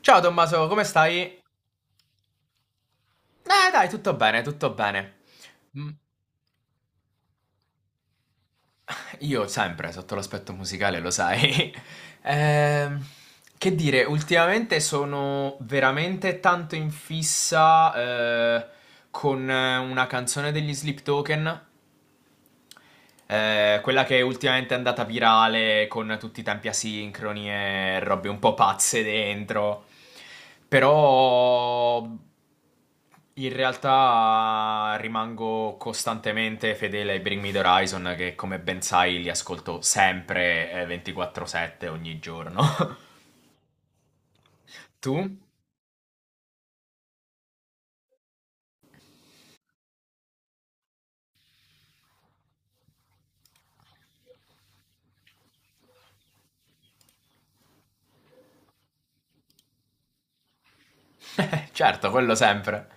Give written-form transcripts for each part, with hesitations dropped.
Ciao Tommaso, come stai? Dai, tutto bene, tutto bene. Mm, Io sempre, sotto l'aspetto musicale, lo sai. Ehm, che dire, ultimamente sono veramente tanto in fissa con una canzone degli Sleep Token, quella che ultimamente è andata virale con tutti i tempi asincroni e robe un po' pazze dentro. Però in realtà rimango costantemente fedele ai Bring Me the Horizon che come ben sai li ascolto sempre 24/7 ogni giorno. Tu? Certo, quello sempre.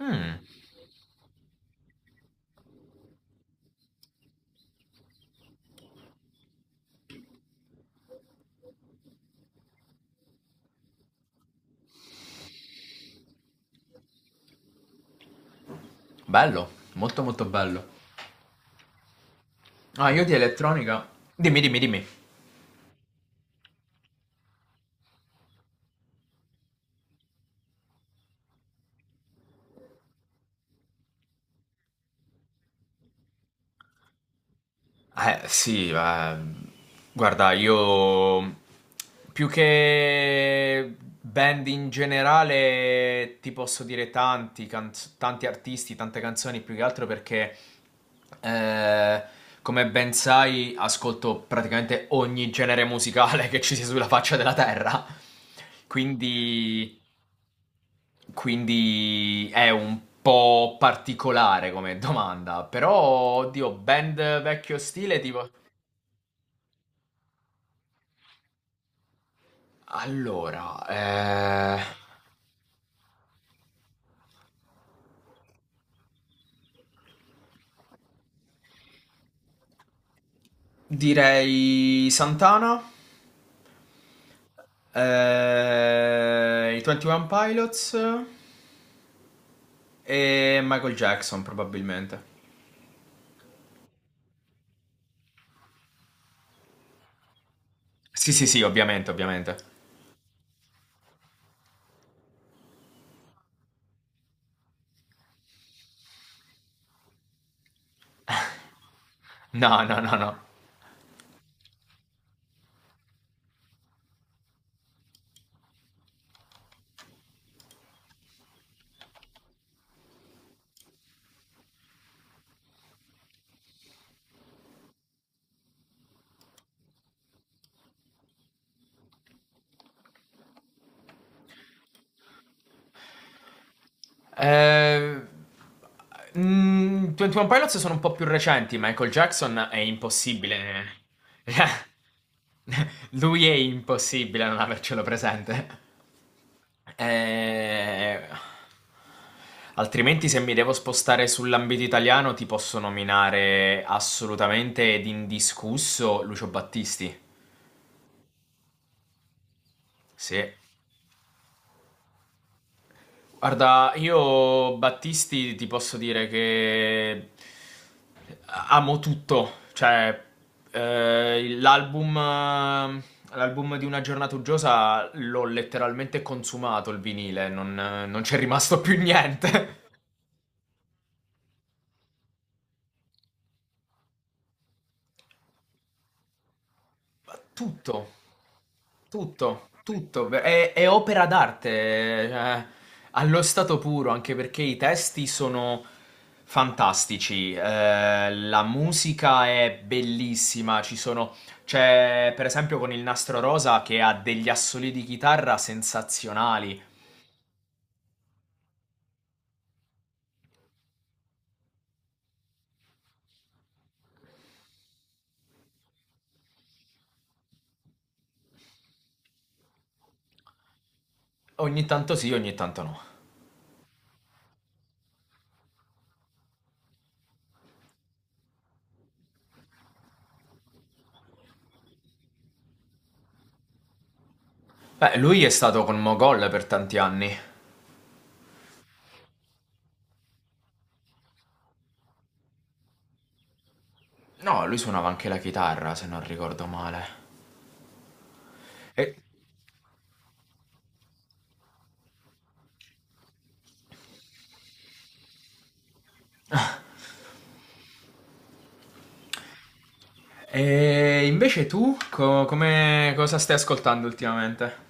Mm, bello, molto molto bello. Ah, io di elettronica. Dimmi, dimmi, dimmi. Eh sì, ma guarda, io più che band in generale ti posso dire tanti artisti, tante canzoni, più che altro perché eh, come ben sai ascolto praticamente ogni genere musicale che ci sia sulla faccia della terra. Quindi, quindi è un po' particolare come domanda, però oddio, band vecchio stile tipo... Allora, direi Santana, i 21 Pilots e Michael Jackson probabilmente. Sì, sì, sì, ovviamente, ovviamente. No, no, no, no. Eh, 21 Pilots sono un po' più recenti, Michael Jackson è impossibile. Lui è impossibile non avercelo presente. Eh, Altrimenti se mi devo spostare sull'ambito italiano ti posso nominare assolutamente ed indiscusso Lucio Battisti. Sì. Guarda, io Battisti ti posso dire che amo tutto, cioè eh, l'album l'album di Una giornata uggiosa l'ho letteralmente consumato il vinile, non c'è rimasto più niente. Tutto. Tutto, tutto, è opera d'arte, cioè, allo stato puro, anche perché i testi sono fantastici, la musica è bellissima, ci sono, c'è per esempio con il Nastro Rosa che ha degli assoli di chitarra sensazionali, ogni tanto sì, ogni tanto no. Beh, lui è stato con Mogol per tanti anni. No, lui suonava anche la chitarra, se non ricordo male. E E invece tu, come cosa stai ascoltando ultimamente?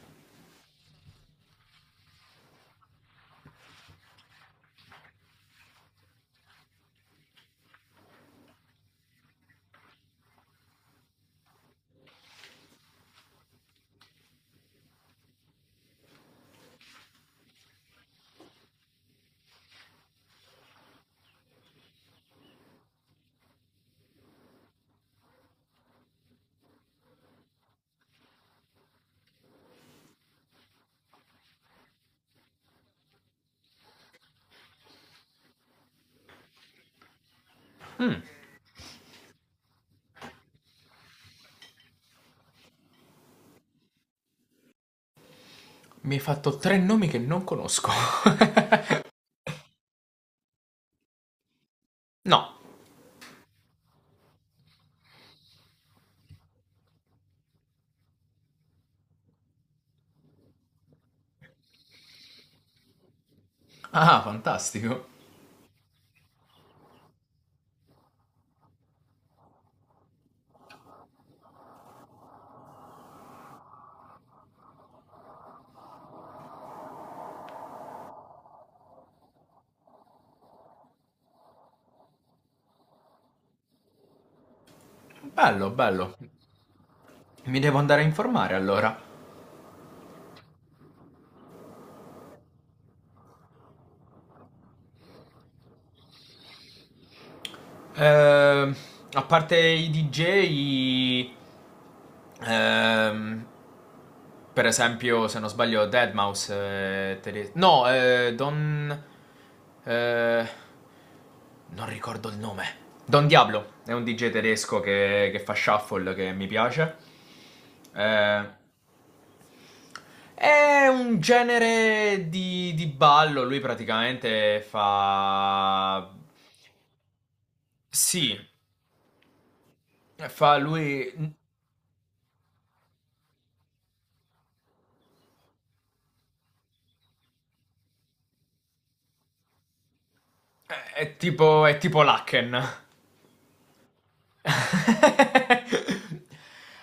Mm, mi hai fatto tre nomi che non conosco. No. Ah, fantastico. Bello, bello. Mi devo andare a informare allora. Ehm, a parte i DJ, ehm, per esempio, se non sbaglio, Deadmau5. No, eh, non ricordo il nome. Don Diablo è un DJ tedesco che fa shuffle che mi piace. Eh, è un genere di ballo. Lui praticamente fa. Sì, fa lui. È tipo Lacken.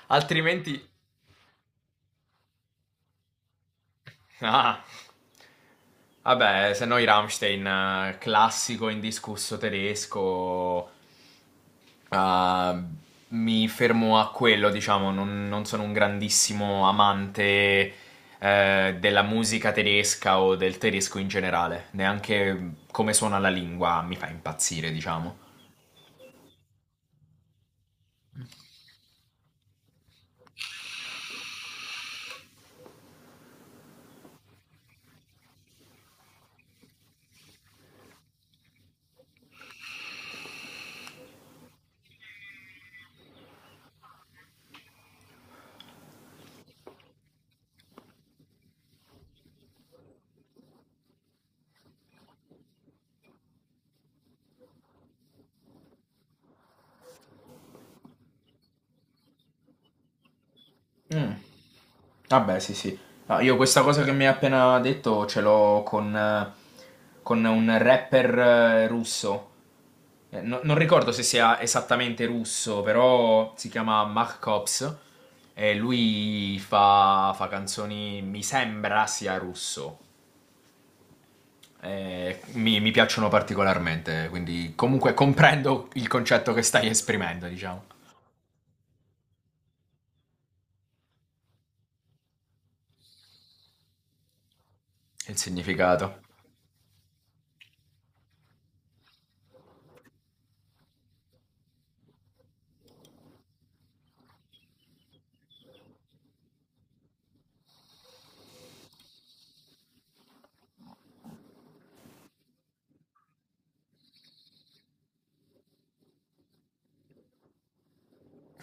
Altrimenti. Ah, vabbè, se no i Rammstein, classico indiscusso tedesco. Ah, mi fermo a quello, diciamo, non sono un grandissimo amante della musica tedesca o del tedesco in generale, neanche come suona la lingua mi fa impazzire, diciamo. Mm, vabbè, sì, sì. No, io questa cosa che mi hai appena detto ce l'ho con un rapper russo. Non ricordo se sia esattamente russo, però si chiama Mark Cops e lui fa, fa canzoni, mi sembra sia russo. Mi piacciono particolarmente, quindi comunque comprendo il concetto che stai esprimendo, diciamo, e il significato.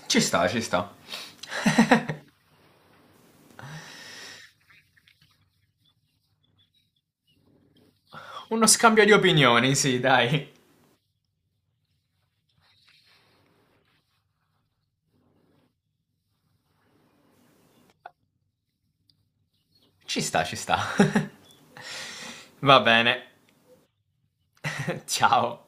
Ci sta, ci sta. Uno scambio di opinioni, sì, dai. Ci sta, ci sta. Va bene. Ciao.